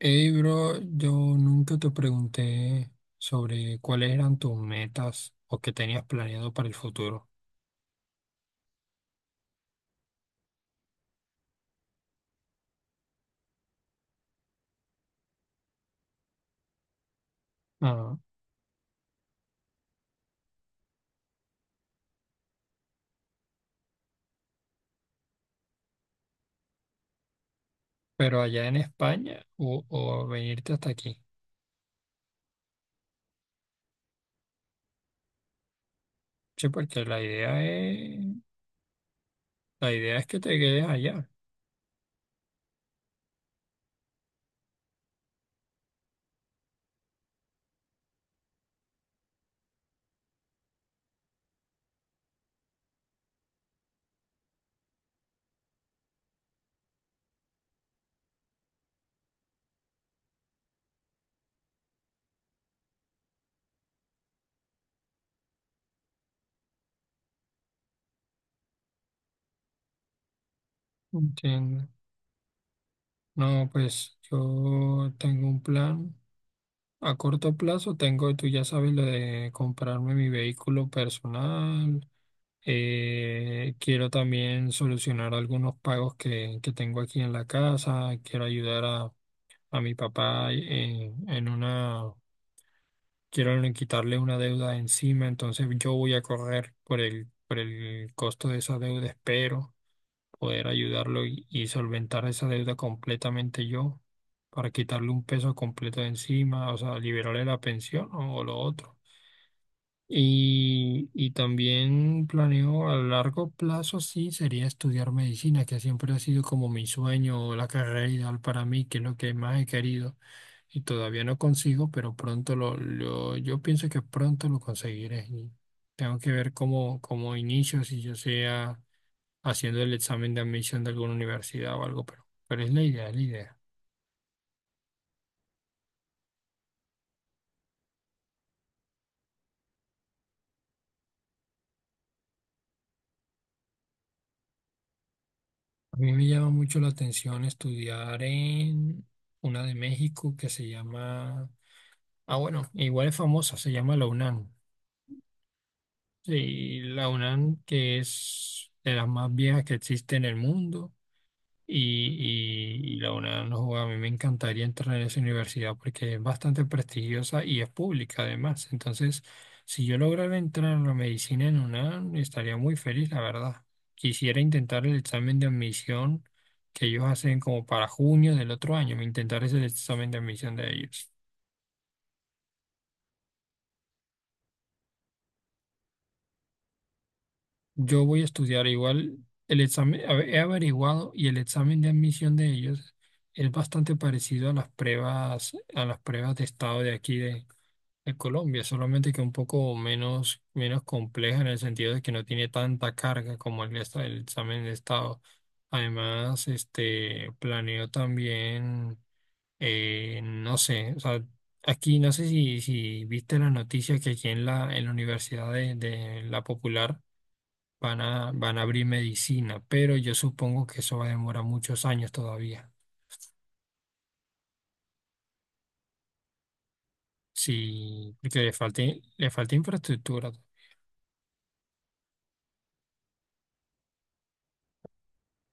Hey, bro, yo nunca te pregunté sobre cuáles eran tus metas o qué tenías planeado para el futuro. Ah, pero allá en España o venirte hasta aquí. Sí, porque la idea es que te quedes allá. Entiendo. No, pues yo tengo un plan. A corto plazo tengo, tú ya sabes, lo de comprarme mi vehículo personal. Quiero también solucionar algunos pagos que tengo aquí en la casa. Quiero ayudar a mi papá en una, quiero quitarle una deuda de encima. Entonces yo voy a correr por por el costo de esa deuda. Espero poder ayudarlo y solventar esa deuda completamente yo para quitarle un peso completo de encima, o sea, liberarle la pensión o lo otro. Y también planeo a largo plazo, sí, sería estudiar medicina, que siempre ha sido como mi sueño, la carrera ideal para mí, que es lo que más he querido y todavía no consigo, pero yo pienso que pronto lo conseguiré. Y tengo que ver cómo inicio, si yo sea haciendo el examen de admisión de alguna universidad o algo, pero, es la idea. A mí me llama mucho la atención estudiar en una de México que se llama. Ah, bueno, igual es famosa, se llama la UNAM. Sí, la UNAM, que es de las más viejas que existe en el mundo, y, y la UNAM, no, joda, a mí me encantaría entrar en esa universidad porque es bastante prestigiosa y es pública además. Entonces, si yo lograra entrar en la medicina en UNAM, estaría muy feliz, la verdad. Quisiera intentar el examen de admisión que ellos hacen como para junio del otro año, intentar ese examen de admisión de ellos. Yo voy a estudiar igual el examen, a ver, he averiguado y el examen de admisión de ellos es bastante parecido a las pruebas de estado de aquí de Colombia, solamente que un poco menos compleja en el sentido de que no tiene tanta carga como el examen de estado. Además, este, planeo también, no sé, o sea, aquí no sé si viste la noticia que aquí en en la Universidad de La Popular van a abrir medicina, pero yo supongo que eso va a demorar muchos años todavía. Sí, le falta infraestructura.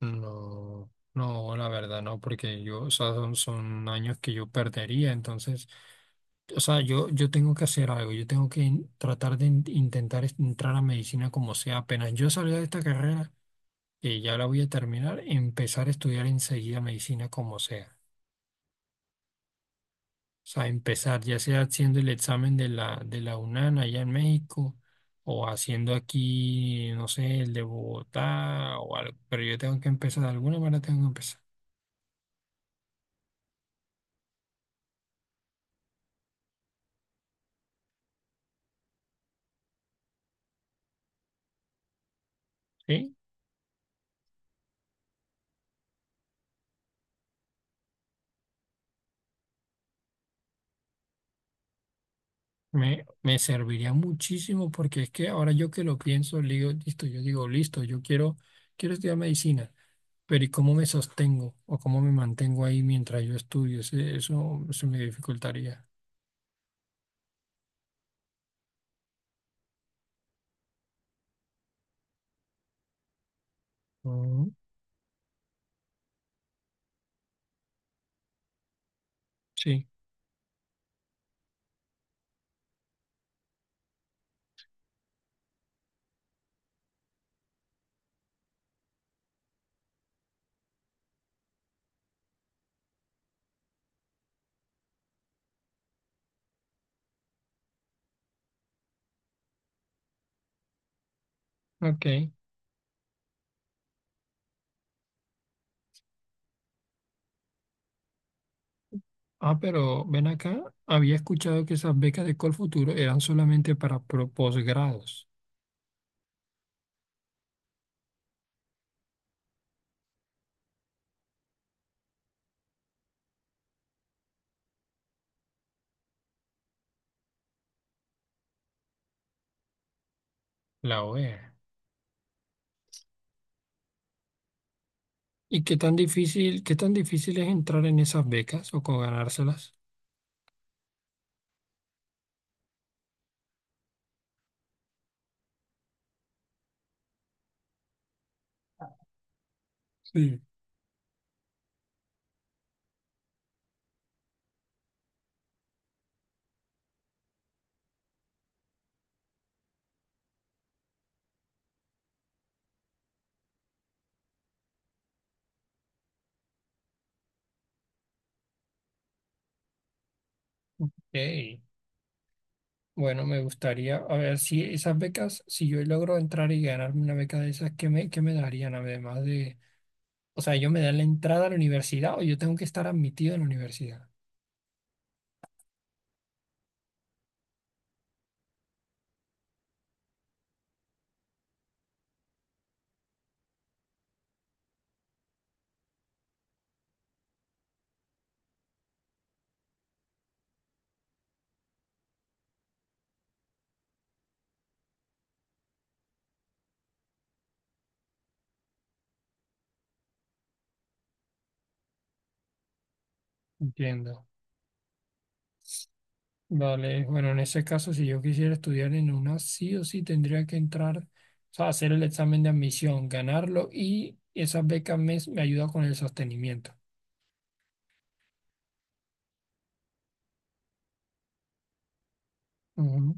No, no, la verdad no, porque yo, o sea, son años que yo perdería, entonces, o sea, yo tengo que hacer algo, yo tengo que intentar entrar a medicina como sea, apenas yo salga de esta carrera, que ya la voy a terminar, empezar a estudiar enseguida medicina como sea. O sea, empezar ya sea haciendo el examen de la UNAM allá en México o haciendo aquí, no sé, el de Bogotá o algo, pero yo tengo que empezar, de alguna manera tengo que empezar, ¿sí? Me serviría muchísimo porque es que ahora yo que lo pienso, le digo, listo, yo quiero, quiero estudiar medicina, pero ¿y cómo me sostengo o cómo me mantengo ahí mientras yo estudio? Eso, eso me dificultaría. Mm, sí, ok. Ah, pero ven acá, había escuchado que esas becas de Colfuturo eran solamente para posgrados, la OEA. ¿Y qué tan difícil es entrar en esas becas o con ganárselas? Sí. Ey, bueno, me gustaría, a ver si esas becas, si yo logro entrar y ganarme una beca de esas, qué me darían además de, o sea, ellos me dan la entrada a la universidad o yo tengo que estar admitido en la universidad? Entiendo. Vale, bueno, en ese caso, si yo quisiera estudiar en una, sí o sí tendría que entrar, o sea, hacer el examen de admisión, ganarlo y esas becas me ayuda con el sostenimiento. Ujú.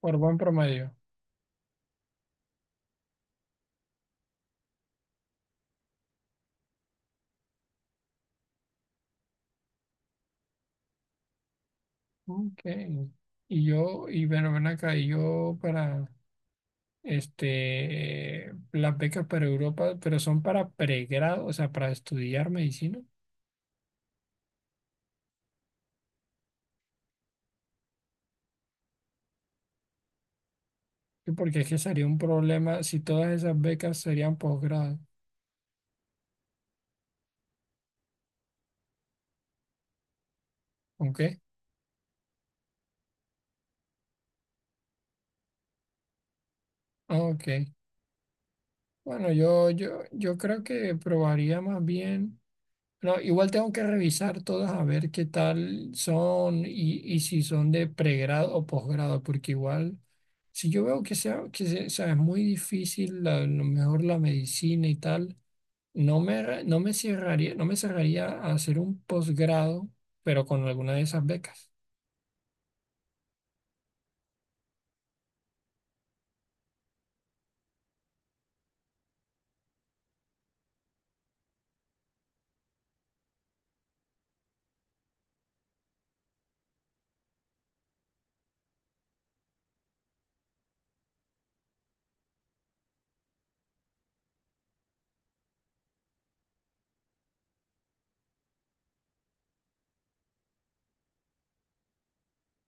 Por buen promedio. Ok. Y bueno, ven acá, y yo para, este, las becas para Europa, pero son para pregrado, o sea, para estudiar medicina, sí, porque es que sería un problema si todas esas becas serían posgrado. ¿Ok? Ah, ok. Bueno, yo creo que probaría más bien. No, igual tengo que revisar todas a ver qué tal son y si son de pregrado o posgrado, porque igual, si yo veo que sea, que se- o sea, es muy difícil, a lo mejor la medicina y tal, no me cerraría, no me cerraría a hacer un posgrado, pero con alguna de esas becas.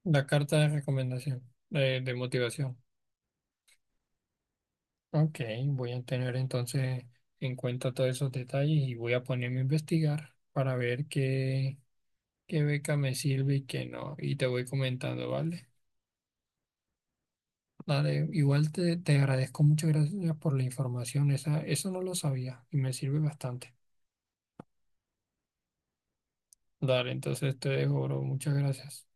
La carta de recomendación, de motivación. Ok, voy a tener entonces en cuenta todos esos detalles y voy a ponerme a investigar para ver qué, qué beca me sirve y qué no. Y te voy comentando, ¿vale? Dale, igual te agradezco, muchas gracias por la información. Esa, eso no lo sabía y me sirve bastante. Dale, entonces te dejo, bro. Muchas gracias.